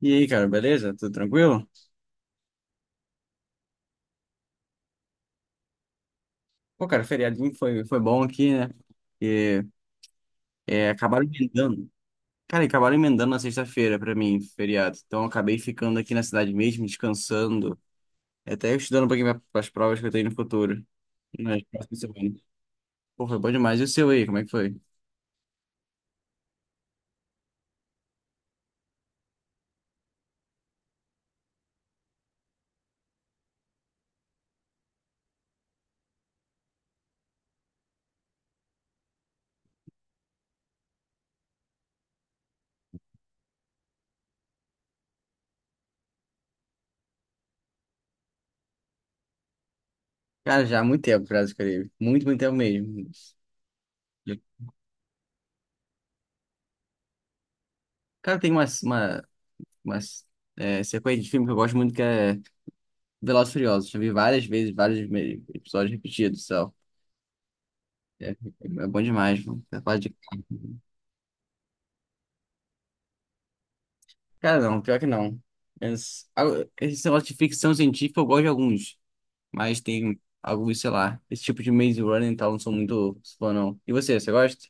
E aí, cara, beleza? Tudo tranquilo? Pô, cara, feriadinho foi bom aqui, né? E acabaram emendando. Cara, acabaram emendando na sexta-feira pra mim, feriado. Então, eu acabei ficando aqui na cidade mesmo, descansando. Até estudando um pouquinho para as provas que eu tenho no futuro. Nas próximas semanas. Pô, foi bom demais. E o seu aí, como é que foi? Cara, já há muito tempo, Brasil Caribe. Muito, muito tempo mesmo. E, Cara, tem umas, uma, umas é, sequência de filme que eu gosto muito, que é Velozes e Furiosos. Já vi várias vezes, episódios repetidos. É, é bom demais, mano. Você fala de carro. Cara, não, pior que não. Esse, ah, esse negócio de ficção científica eu gosto de alguns, mas tem alguns, sei lá, esse tipo de Maze Runner e tal, não sou muito fã, não. E você, você gosta?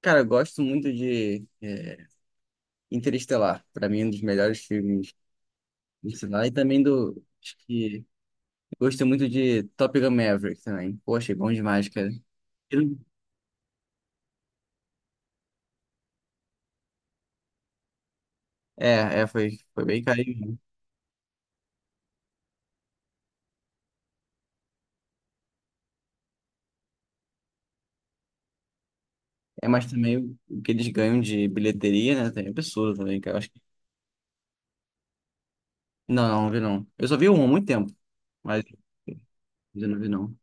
Cara, eu gosto muito de Interestelar, pra mim é um dos melhores filmes de lá, e também do, acho que, gosto muito de Top Gun Maverick também. Poxa, é bom demais, cara. É, foi bem carinho, né? É, mas também o que eles ganham de bilheteria, né, tem é absurdo também, cara. Eu acho que... Não, não, não vi não. Eu só vi um há muito tempo, mas eu não vi não.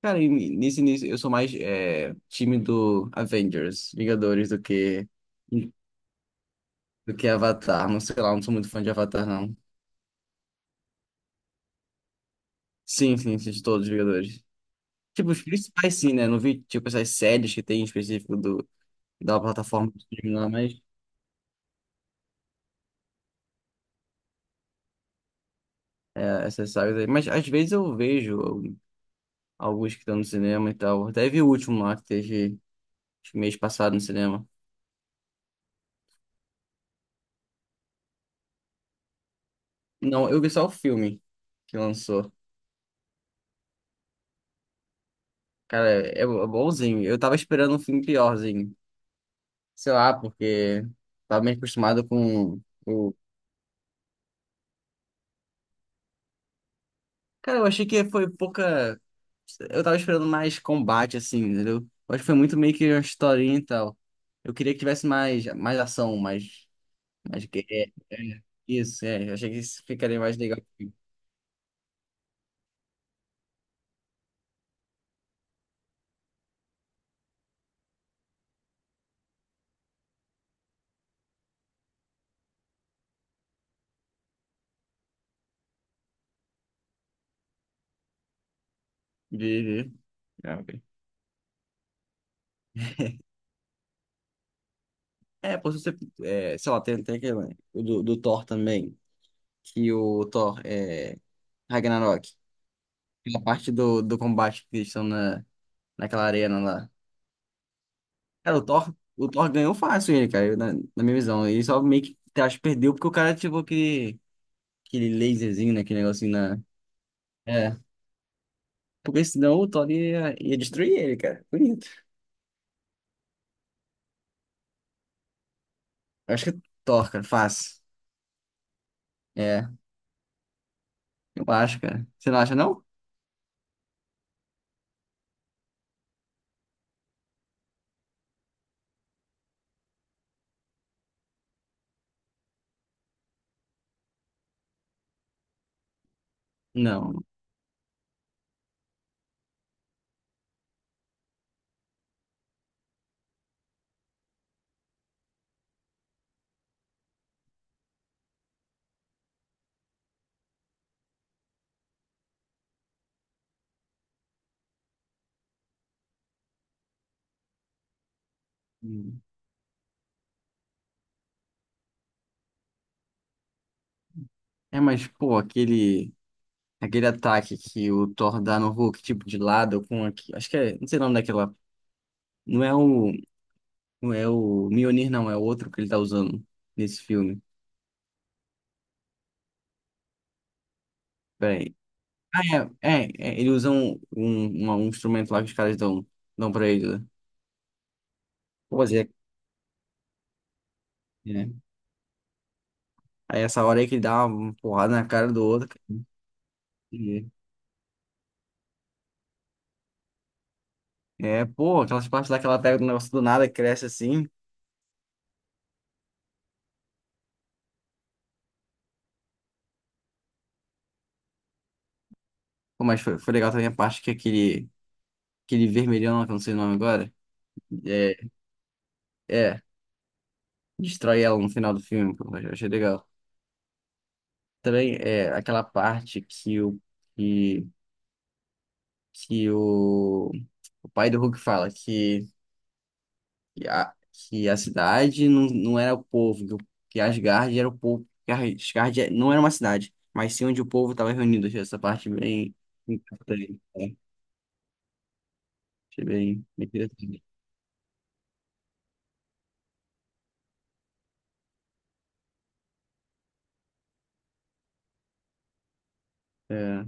Cara, e nesse início eu sou mais time do Avengers, Vingadores, do que Avatar. Não sei lá, não sou muito fã de Avatar, não. Sim, sim, assisti todos os Vingadores. Tipo, os principais sim, né? Não vi, tipo, essas séries que tem em específico do, da plataforma do streaming lá, mas é, essas sagas aí. Mas às vezes eu vejo alguns que estão no cinema e tal. Até vi o último lá que teve acho que mês passado no cinema. Não, eu vi só o filme que lançou. Cara, é bonzinho. Eu tava esperando um filme piorzinho. Sei lá, porque tava meio acostumado com o. Cara, eu achei que foi pouca. Eu tava esperando mais combate, assim, entendeu? Eu acho que foi muito meio que uma historinha e tal. Eu queria que tivesse mais, mais ação, mais. Mais... guerra. É, isso, é. Eu achei que isso ficaria mais legal. Vi, vi. Ah, ok. É, pô, se você, é, sei lá, tem até aquele, o do, do Thor também, que o Thor é Ragnarok, aquela parte do, do combate que eles estão na, naquela arena lá. Cara, o Thor ganhou fácil ele, cara, na, na minha visão. Ele só meio que, acho, que perdeu porque o cara ativou aquele, aquele laserzinho, né, aquele negocinho na... É, porque senão o Thor ia, ia destruir ele, cara. Bonito. Eu acho que é Thor, cara, fácil. É, eu acho, cara. Você não acha, não? Não. Hum. É, mas, pô, aquele... Aquele ataque que o Thor dá no Hulk, tipo, de lado, com aqui. Acho que é. Não sei o nome daquela. Não é o. Não é o Mjolnir, não, é o outro que ele tá usando nesse filme. Peraí. Ah, Ele usa um instrumento lá que os caras dão, dão pra ele, né? Pô, Zé, é. Aí essa hora aí que ele dá uma porrada na cara do outro, cara. E- É, pô, aquelas partes lá que ela pega do negócio do nada, cresce assim. Pô, mas foi legal também a parte que é aquele. Aquele vermelhão lá, que eu não sei o nome agora. É. É. Destrói ela no final do filme, pô, eu achei legal. Também é aquela parte que, que o pai do Hulk fala que a cidade não, não era o povo, que Asgard era o povo, não era uma cidade, mas sim onde o povo estava reunido. Achei essa parte bem importante, né? Achei bem, bem interessante. É,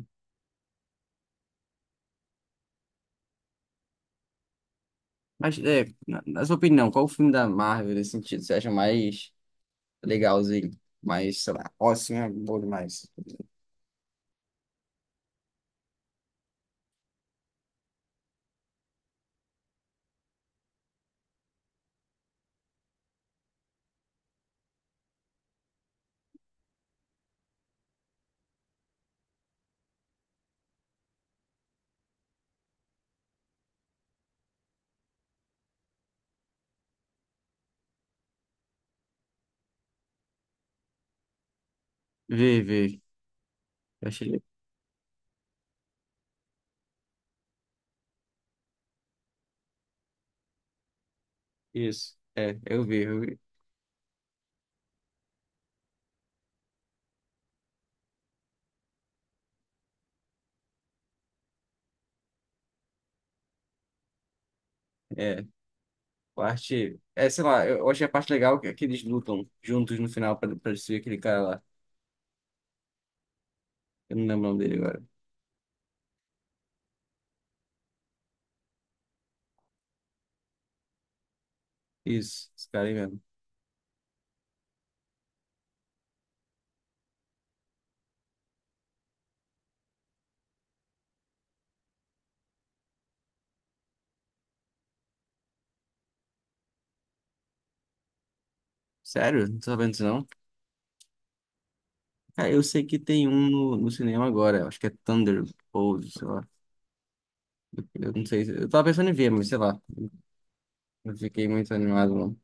mas, é, na, na sua opinião, qual o filme da Marvel nesse sentido? Você acha mais legalzinho? Mais, sei lá, ó, assim é bom demais. Vê, vê. Eu achei isso. É, eu vi, eu vi. É, parte. Sei lá, eu achei a parte legal que, é que eles lutam juntos no final pra, pra destruir aquele cara lá. Eu não lembro o nome dele agora. Isso, esse cara aí mesmo. Sério? Não tô sabendo disso não? Cara, eu sei que tem um no, no cinema agora. Acho que é Thunderbolt, sei lá. Eu não sei. Eu tava pensando em ver, mas sei lá. Não fiquei muito animado, não.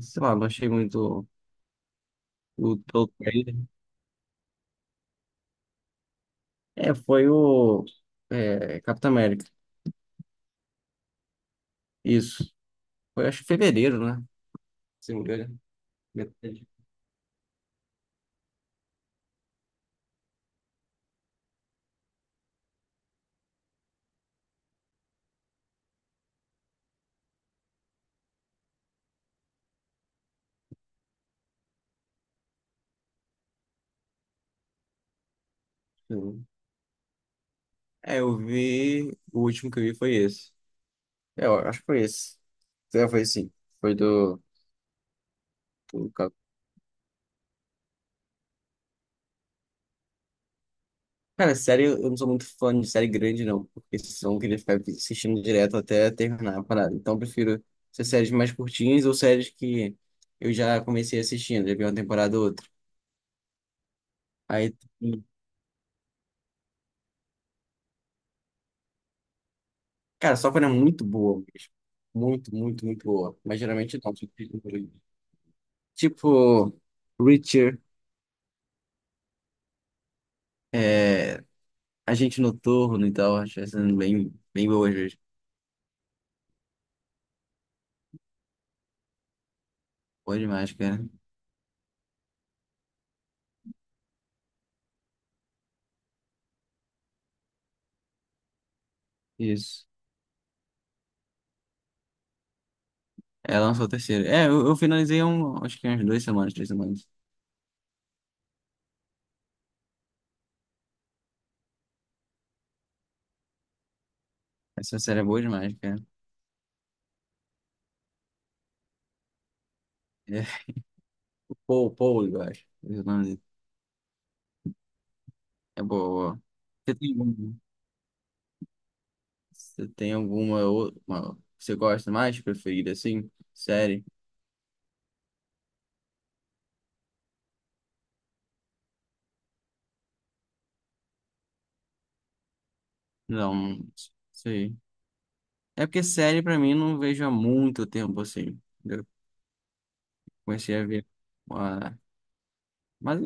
Sei lá, não achei muito o todo trailer. É, foi o. É, Capitão América. Isso. Foi, acho que fevereiro, né? Se não me engano. Sim. É, eu vi. O último que eu vi foi esse. É, eu acho que foi esse. É, foi sim. Foi do, do... Ca- Cara, série, eu não sou muito fã de série grande, não. Porque senão eu queria ficar assistindo direto até terminar a parada. Então eu prefiro ser séries mais curtinhas ou séries que eu já comecei assistindo. Já vi uma temporada ou outra. Aí, e, cara, só quando é muito boa mesmo. Muito, muito, muito boa. Mas geralmente não. Tipo, Reacher, é, A gente noturno e tal, acho que tá sendo bem, bem boa às vezes. Boa demais, cara. Isso. É, lançou a terceira. É, eu finalizei há um, acho que umas duas semanas, três semanas. Essa série é boa demais, cara. É. Paul, Paul, eu acho. Esse é o nome dele. É boa, boa. Você tem algum, você tem alguma, você gosta mais, preferida, assim? Série? Não, não sei. É porque série pra mim não vejo há muito tempo, assim. Eu comecei a ver uma... Mas,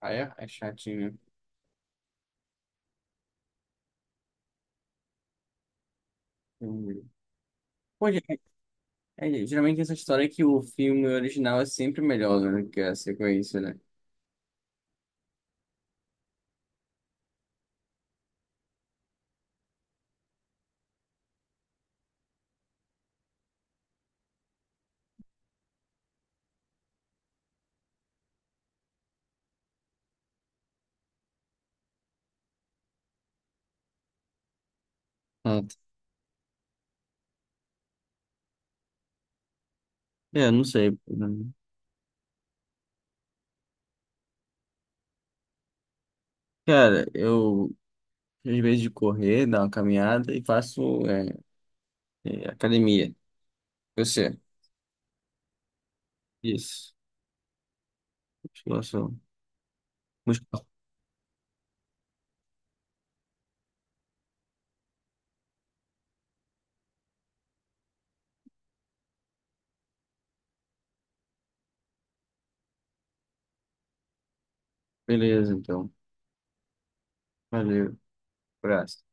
ah, é? É chatinho, né? Pô, geralmente essa história é que o filme original é sempre melhor, né, do que a sequência, né? Ah, é, não sei, né. Cara, eu, às vezes de correr, dar uma caminhada e faço academia. Você? Isso. Musculação. Musculação. Beleza, então. Valeu. Abraço.